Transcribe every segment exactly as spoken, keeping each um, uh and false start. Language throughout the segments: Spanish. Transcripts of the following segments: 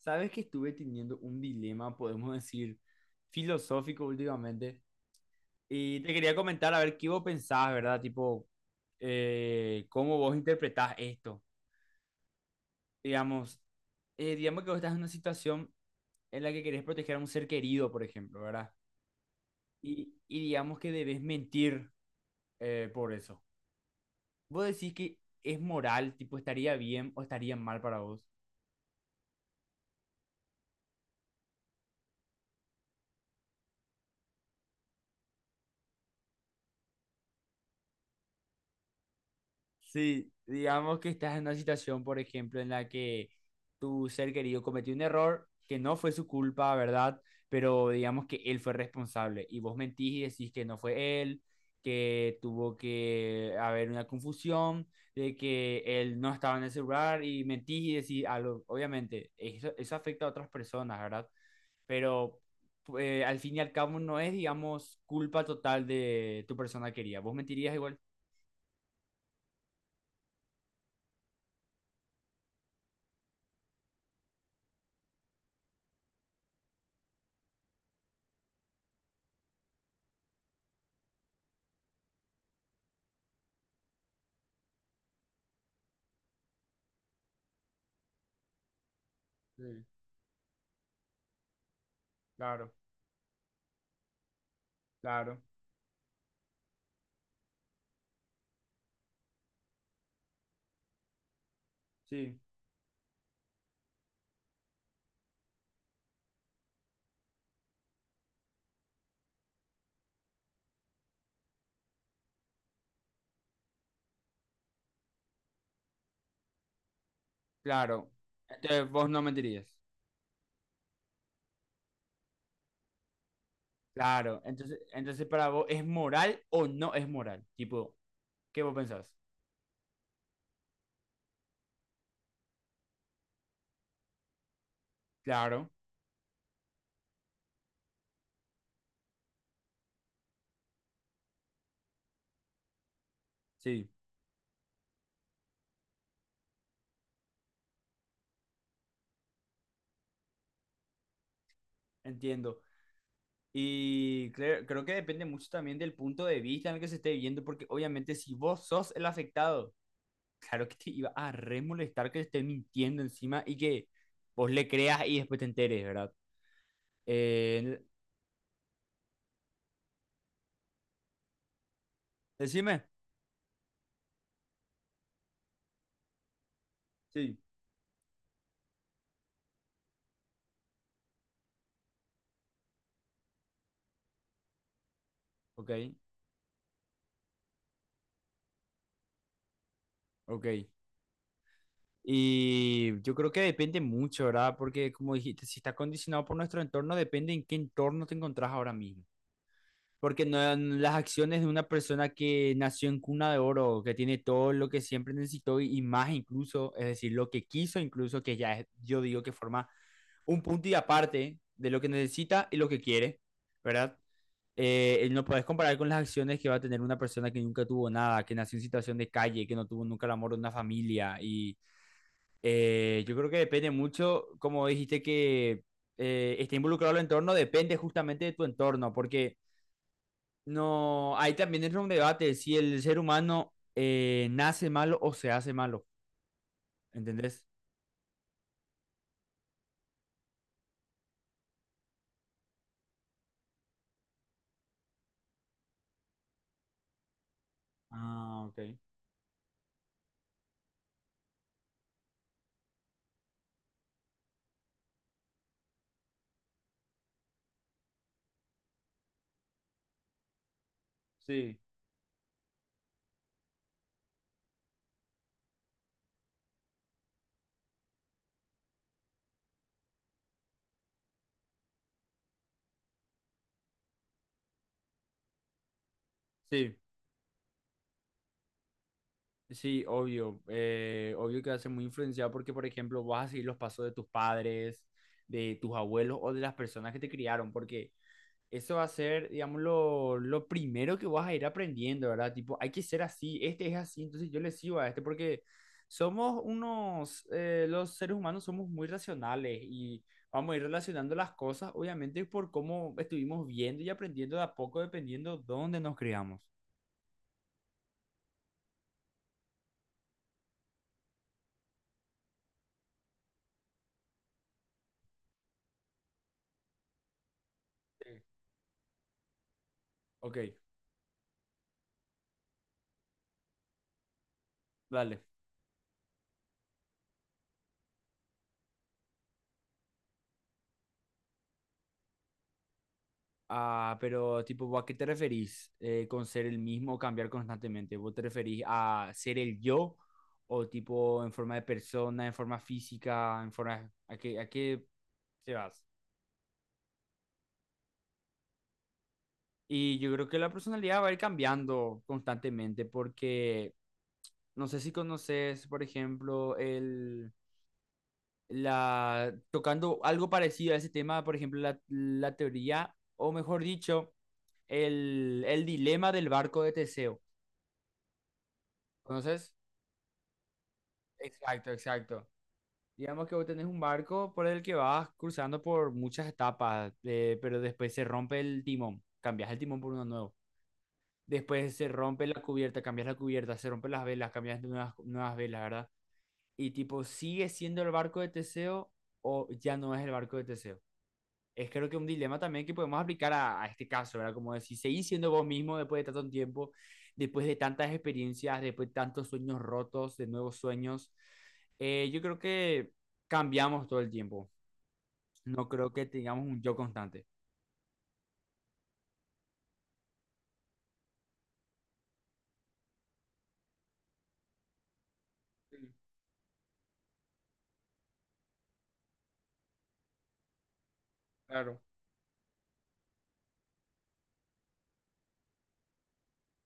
Sabes que estuve teniendo un dilema, podemos decir, filosófico últimamente. Y te quería comentar, a ver, ¿qué vos pensás, verdad? Tipo, eh, ¿cómo vos interpretás esto? Digamos, eh, digamos que vos estás en una situación en la que querés proteger a un ser querido, por ejemplo, ¿verdad? Y, y digamos que debes mentir eh, por eso. ¿Vos decís que es moral, tipo, estaría bien o estaría mal para vos? Sí, digamos que estás en una situación, por ejemplo, en la que tu ser querido cometió un error que no fue su culpa, ¿verdad? Pero digamos que él fue responsable y vos mentís y decís que no fue él, que tuvo que haber una confusión, de que él no estaba en el celular y mentís y decís algo. Obviamente, eso, eso afecta a otras personas, ¿verdad? Pero eh, al fin y al cabo no es, digamos, culpa total de tu persona querida. ¿Vos mentirías igual? Sí, claro, claro. Sí. Claro. Entonces vos no mentirías. Claro. Entonces, entonces para vos, ¿es moral o no es moral? Tipo, ¿qué vos pensás? Claro. Sí, entiendo. Y cre- creo que depende mucho también del punto de vista en el que se esté viendo, porque obviamente si vos sos el afectado, claro que te iba a re molestar que te esté mintiendo encima y que vos le creas y después te enteres, ¿verdad? Eh, decime. Sí. Ok, ok. Y yo creo que depende mucho, ¿verdad? Porque como dijiste, si está condicionado por nuestro entorno, depende en qué entorno te encontrás ahora mismo. Porque no, no- las acciones de una persona que nació en cuna de oro, que tiene todo lo que siempre necesitó y, y más incluso, es decir, lo que quiso incluso, que ya es, yo digo que forma un punto y aparte de lo que necesita y lo que quiere, ¿verdad? Eh, no puedes comparar con las acciones que va a tener una persona que nunca tuvo nada, que nació en situación de calle, que no tuvo nunca el amor de una familia y eh, yo creo que depende mucho, como dijiste que eh, esté involucrado el entorno, depende justamente de tu entorno, porque no, ahí también entra un debate si el ser humano eh, nace malo o se hace malo, ¿entendés? Ah, ok. Sí, sí, sí, obvio. Eh, obvio que va a ser muy influenciado porque, por ejemplo, vas a seguir los pasos de tus padres, de tus abuelos o de las personas que te criaron, porque eso va a ser, digamos, lo, lo primero que vas a ir aprendiendo, ¿verdad? Tipo, hay que ser así, este es así, entonces yo le sigo a este porque somos unos, eh, los seres humanos somos muy racionales y vamos a ir relacionando las cosas, obviamente, por cómo estuvimos viendo y aprendiendo de a poco, dependiendo dónde nos criamos. Sí. Ok, dale. Ah, pero tipo, ¿a qué te referís eh, con ser el mismo o cambiar constantemente? ¿Vos te referís a ser el yo o tipo en forma de persona, en forma física, en forma... ¿A qué, a qué te vas? Y yo creo que la personalidad va a ir cambiando constantemente porque no sé si conoces, por ejemplo, el, la, tocando algo parecido a ese tema, por ejemplo, la, la teoría, o mejor dicho, el, el dilema del barco de Teseo. ¿Conoces? Exacto, exacto. Digamos que vos tenés un barco por el que vas cruzando por muchas etapas, eh, pero después se rompe el timón, cambias el timón por uno nuevo. Después se rompe la cubierta, cambias la cubierta, se rompen las velas, cambias nuevas, nuevas velas, ¿verdad? Y tipo, ¿sigue siendo el barco de Teseo o ya no es el barco de Teseo? Es creo que un dilema también que podemos aplicar a, a este caso, ¿verdad? Como decir, seguir siendo vos mismo después de tanto tiempo, después de tantas experiencias, después de tantos sueños rotos, de nuevos sueños. Eh, yo creo que cambiamos todo el tiempo. No creo que tengamos un yo constante. Sí, claro.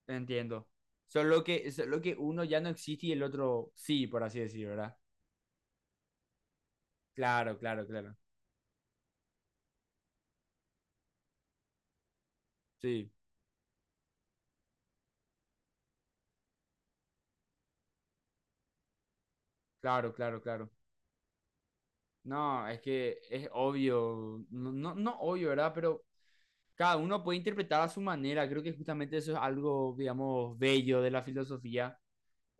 Entiendo. Solo que, solo que uno ya no existe y el otro sí, por así decir, ¿verdad? Claro, claro, claro. Sí, claro, claro, claro. No, es que es obvio, no, no, no obvio, ¿verdad? Pero cada uno puede interpretar a su manera. Creo que justamente eso es algo, digamos, bello de la filosofía,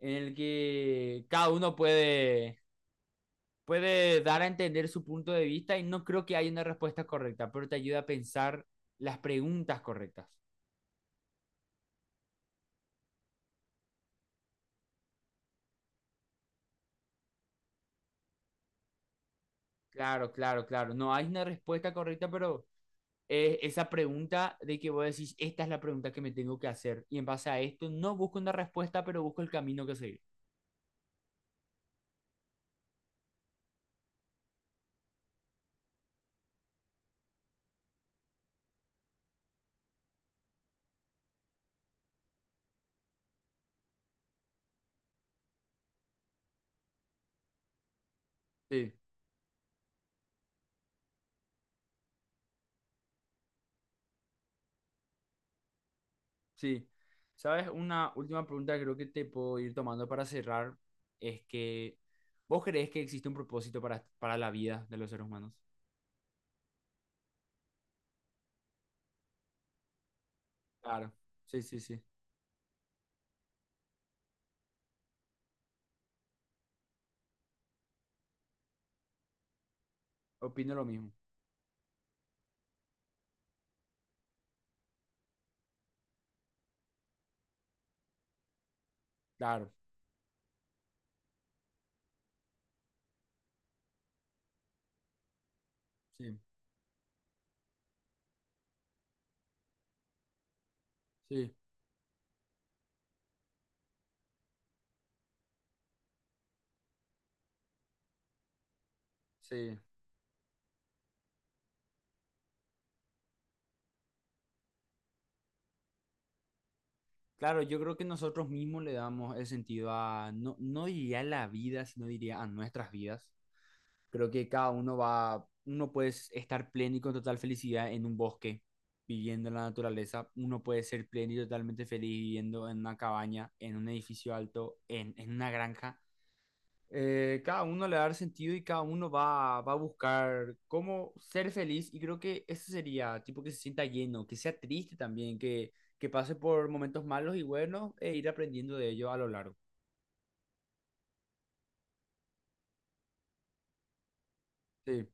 en el que cada uno puede, puede dar a entender su punto de vista y no creo que haya una respuesta correcta, pero te ayuda a pensar las preguntas correctas. Claro, claro, claro. No hay una respuesta correcta, pero es esa pregunta de que vos decís, esta es la pregunta que me tengo que hacer. Y en base a esto, no busco una respuesta, pero busco el camino que seguir. Sí. Sí, sabes, una última pregunta que creo que te puedo ir tomando para cerrar es que ¿vos crees que existe un propósito para, para la vida de los seres humanos? Claro, sí, sí, sí, opino lo mismo, claro, sí, sí, sí. Claro, yo creo que nosotros mismos le damos el sentido a, no, no diría la vida, sino diría a nuestras vidas. Creo que cada uno va, uno puede estar pleno y con total felicidad en un bosque, viviendo en la naturaleza. Uno puede ser pleno y totalmente feliz viviendo en una cabaña, en un edificio alto, en, en una granja. Eh, cada uno le va a dar sentido y cada uno va, va a buscar cómo ser feliz. Y creo que eso sería, tipo, que se sienta lleno, que sea triste también, que, que pase por momentos malos y buenos e ir aprendiendo de ello a lo largo. Sí.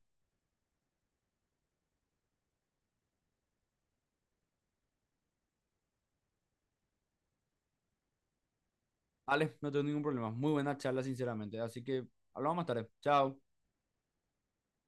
Alex, no tengo ningún problema. Muy buena charla, sinceramente. Así que hablamos más tarde. Chao.